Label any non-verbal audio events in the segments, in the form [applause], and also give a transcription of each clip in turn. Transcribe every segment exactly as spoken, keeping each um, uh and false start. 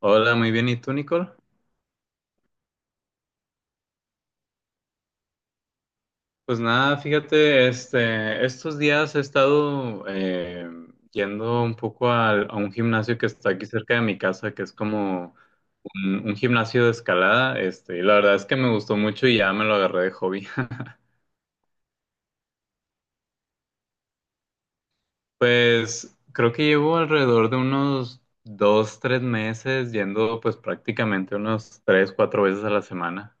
Hola, muy bien. ¿Y tú, Nicole? Pues nada, fíjate, este, estos días he estado eh, yendo un poco al- a, un gimnasio que está aquí cerca de mi casa, que es como un, un gimnasio de escalada, este, y la verdad es que me gustó mucho y ya me lo agarré de hobby. [laughs] Pues creo que llevo alrededor de unos dos, tres meses yendo pues prácticamente unos tres, cuatro veces a la semana.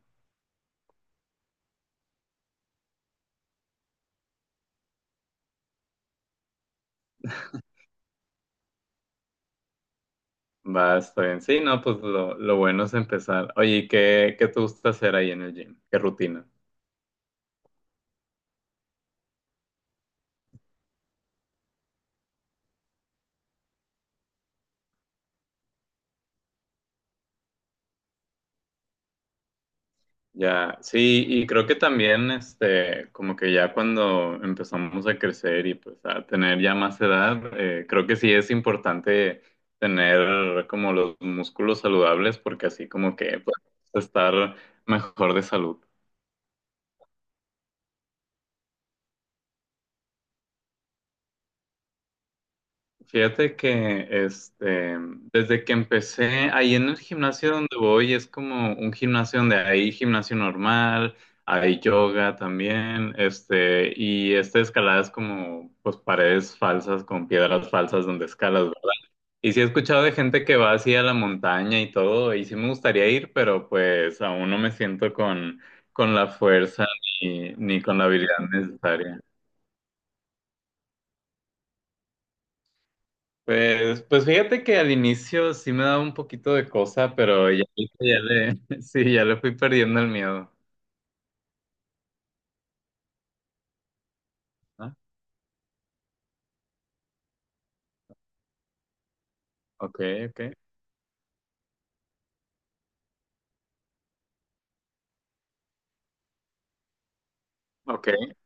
Va, está bien. Sí, no, pues lo, lo bueno es empezar. Oye, ¿y ¿qué, qué te gusta hacer ahí en el gym? ¿Qué rutina? Ya, sí, y creo que también, este, como que ya cuando empezamos a crecer y pues a tener ya más edad, eh, creo que sí es importante tener como los músculos saludables porque así como que pues, estar mejor de salud. Fíjate que este, desde que empecé ahí en el gimnasio donde voy, es como un gimnasio donde hay gimnasio normal, hay yoga también, este, y esta escalada es como pues paredes falsas con piedras falsas donde escalas, ¿verdad? Y sí he escuchado de gente que va así a la montaña y todo, y sí me gustaría ir, pero pues aún no me siento con, con la fuerza ni, ni con la habilidad necesaria. Pues, pues fíjate que al inicio sí me daba un poquito de cosa, pero ya, ya le, [laughs] sí, ya le fui perdiendo el miedo. Ah, ok, ok, ok.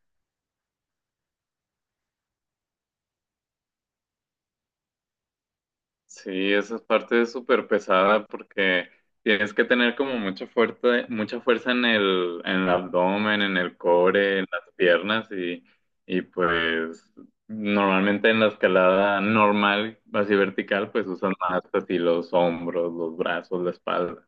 Sí, esa parte es súper pesada porque tienes que tener como mucha fuerza, mucha fuerza en el, en el abdomen, en el core, en las piernas y, y pues normalmente en la escalada normal, así vertical, pues usas más así los hombros, los brazos, la espalda.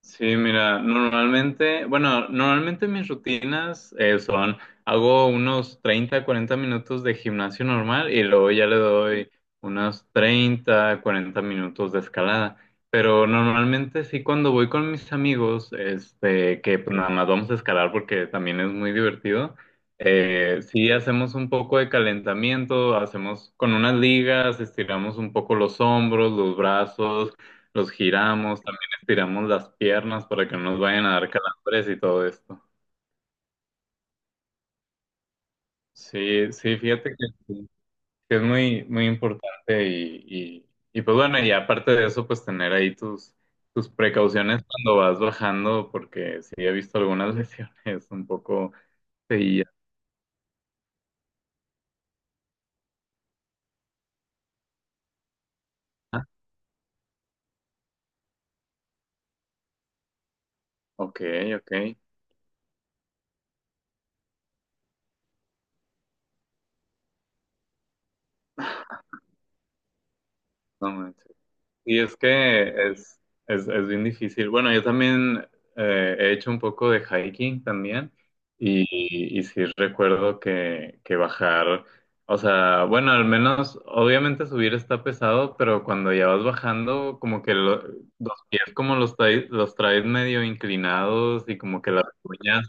Sí, mira, normalmente, bueno, normalmente mis rutinas eh, son, hago unos treinta, cuarenta minutos de gimnasio normal y luego ya le doy unos treinta, cuarenta minutos de escalada. Pero normalmente sí cuando voy con mis amigos, este, que pues, nada más vamos a escalar porque también es muy divertido, eh, sí hacemos un poco de calentamiento, hacemos con unas ligas, estiramos un poco los hombros, los brazos, los giramos. Estiramos las piernas para que no nos vayan a dar calambres y todo esto. Sí, sí, fíjate que sí, que es muy, muy importante, y, y, y pues bueno. Y aparte de eso, pues tener ahí tus, tus precauciones cuando vas bajando, porque sí he visto algunas [laughs] lesiones un poco seguidas. Ah, ok, ok. No manches. Y es que es, es, es bien difícil. Bueno, yo también eh, he hecho un poco de hiking también y, y sí recuerdo que, que bajar, o sea, bueno, al menos obviamente subir está pesado, pero cuando ya vas bajando, como que lo- los pies como los traes, los traes medio inclinados y como que las uñas,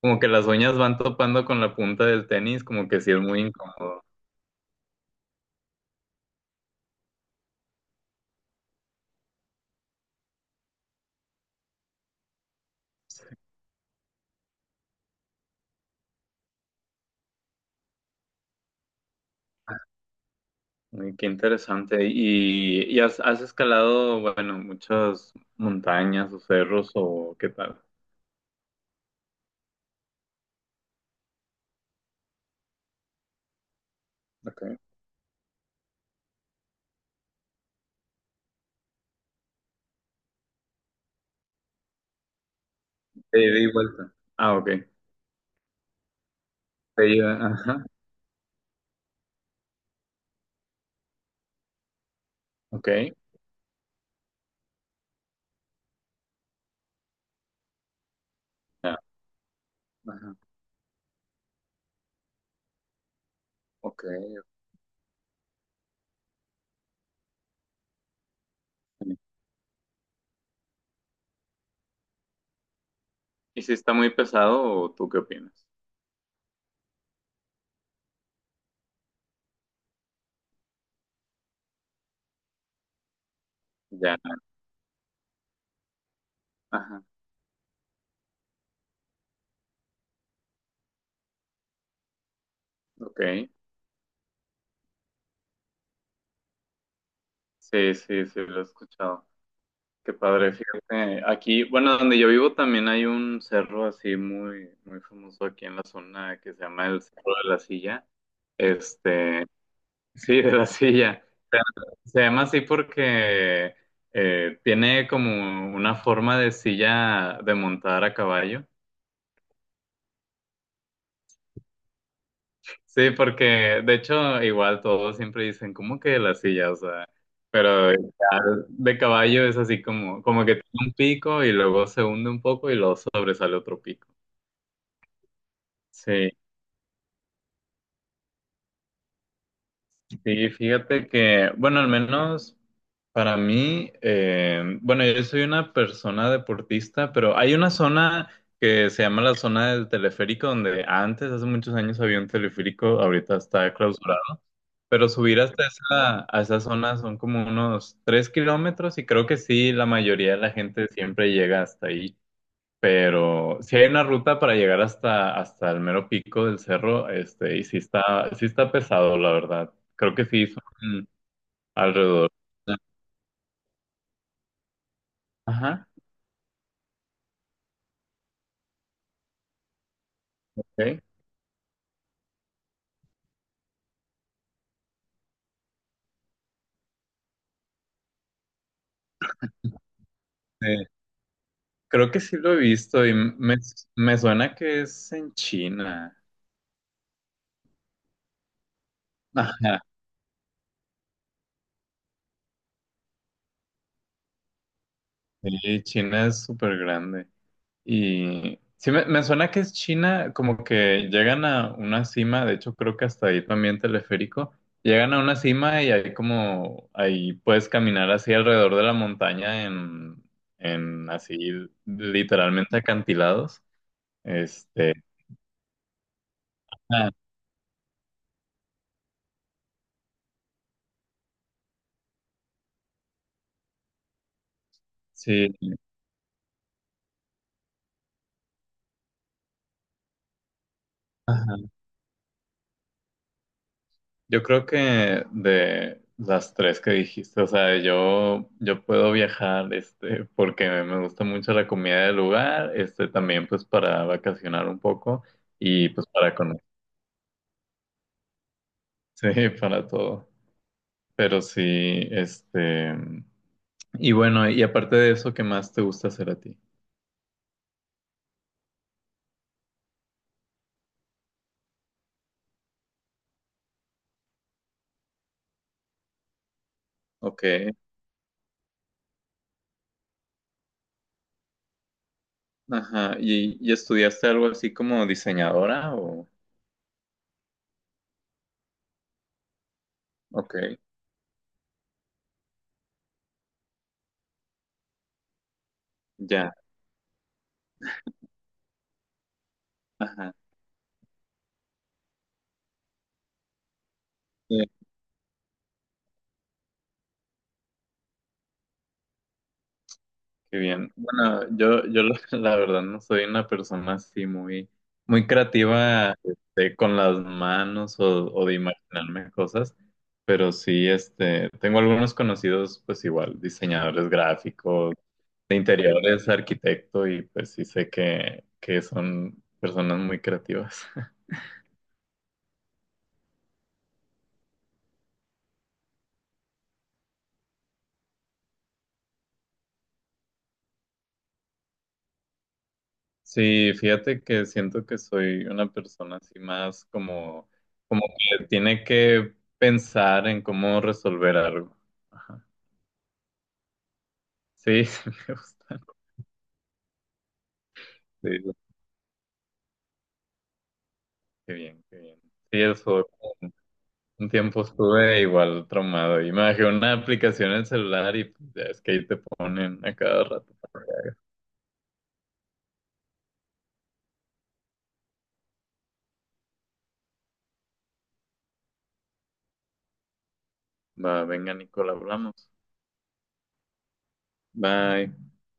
como que las uñas van topando con la punta del tenis, como que sí es muy incómodo. Uy, qué interesante. ¿Y, y has, has escalado, bueno, muchas montañas o cerros o qué tal? Okay. De ida y vuelta. Ah, ok. De ida, ajá. Ok. Ya. Ajá. Ok. ¿Y si está muy pesado o tú qué opinas? Ya. Ajá. Ok. Sí, sí, sí, lo he escuchado. Qué padre. Fíjate, aquí, bueno, donde yo vivo también hay un cerro así muy, muy famoso aquí en la zona que se llama el Cerro de la Silla. Este. Sí, de la silla. Pero se llama así porque eh, tiene como una forma de silla de montar a caballo. Sí, porque de hecho igual todos siempre dicen, ¿cómo que la silla? O sea, pero ya de caballo es así como, como que tiene un pico y luego se hunde un poco y luego sobresale otro pico. Sí, sí, fíjate que, bueno, al menos para mí, eh, bueno, yo soy una persona deportista, pero hay una zona que se llama la zona del teleférico, donde antes, hace muchos años, había un teleférico, ahorita está clausurado, pero subir hasta esa, a esa zona son como unos tres kilómetros y creo que sí, la mayoría de la gente siempre llega hasta ahí. Pero si hay una ruta para llegar hasta, hasta el mero pico del cerro, este, y sí está, sí está pesado, la verdad. Creo que sí son alrededor. Ajá, ok. Sí. Creo que sí lo he visto y me, me suena que es en China. Ajá. Sí, China es súper grande. Y sí, me, me suena que es China, como que llegan a una cima, de hecho creo que hasta ahí también teleférico, llegan a una cima y ahí como, ahí puedes caminar así alrededor de la montaña en, en así literalmente acantilados. Este, ah, sí, ajá. Yo creo que de las tres que dijiste, o sea, yo, yo puedo viajar, este, porque me gusta mucho la comida del lugar, este, también pues para vacacionar un poco y pues para conocer, [laughs] sí, para todo. Pero sí, este, y bueno, y aparte de eso, ¿qué más te gusta hacer a ti? Ok, ajá, ¿y, y estudiaste algo así como diseñadora o? Ok, ya, ajá. Qué bien. Bueno, yo, yo la [laughs] la verdad no soy una persona así muy, muy creativa este, con las manos o, o de imaginarme cosas, pero sí, este, tengo algunos conocidos, pues igual, diseñadores gráficos, de interiores, arquitecto, y pues sí sé que, que son personas muy creativas. [laughs] Sí, fíjate que siento que soy una persona así más como, como que tiene que pensar en cómo resolver algo. Ajá. Sí, [laughs] sí me gustan. Sí, qué bien, qué bien. Sí, eso, un tiempo estuve igual traumado. Y me bajé una aplicación en el celular y pues, ya es que ahí te ponen a cada rato. Va, venga, Nicola, hablamos. Bye.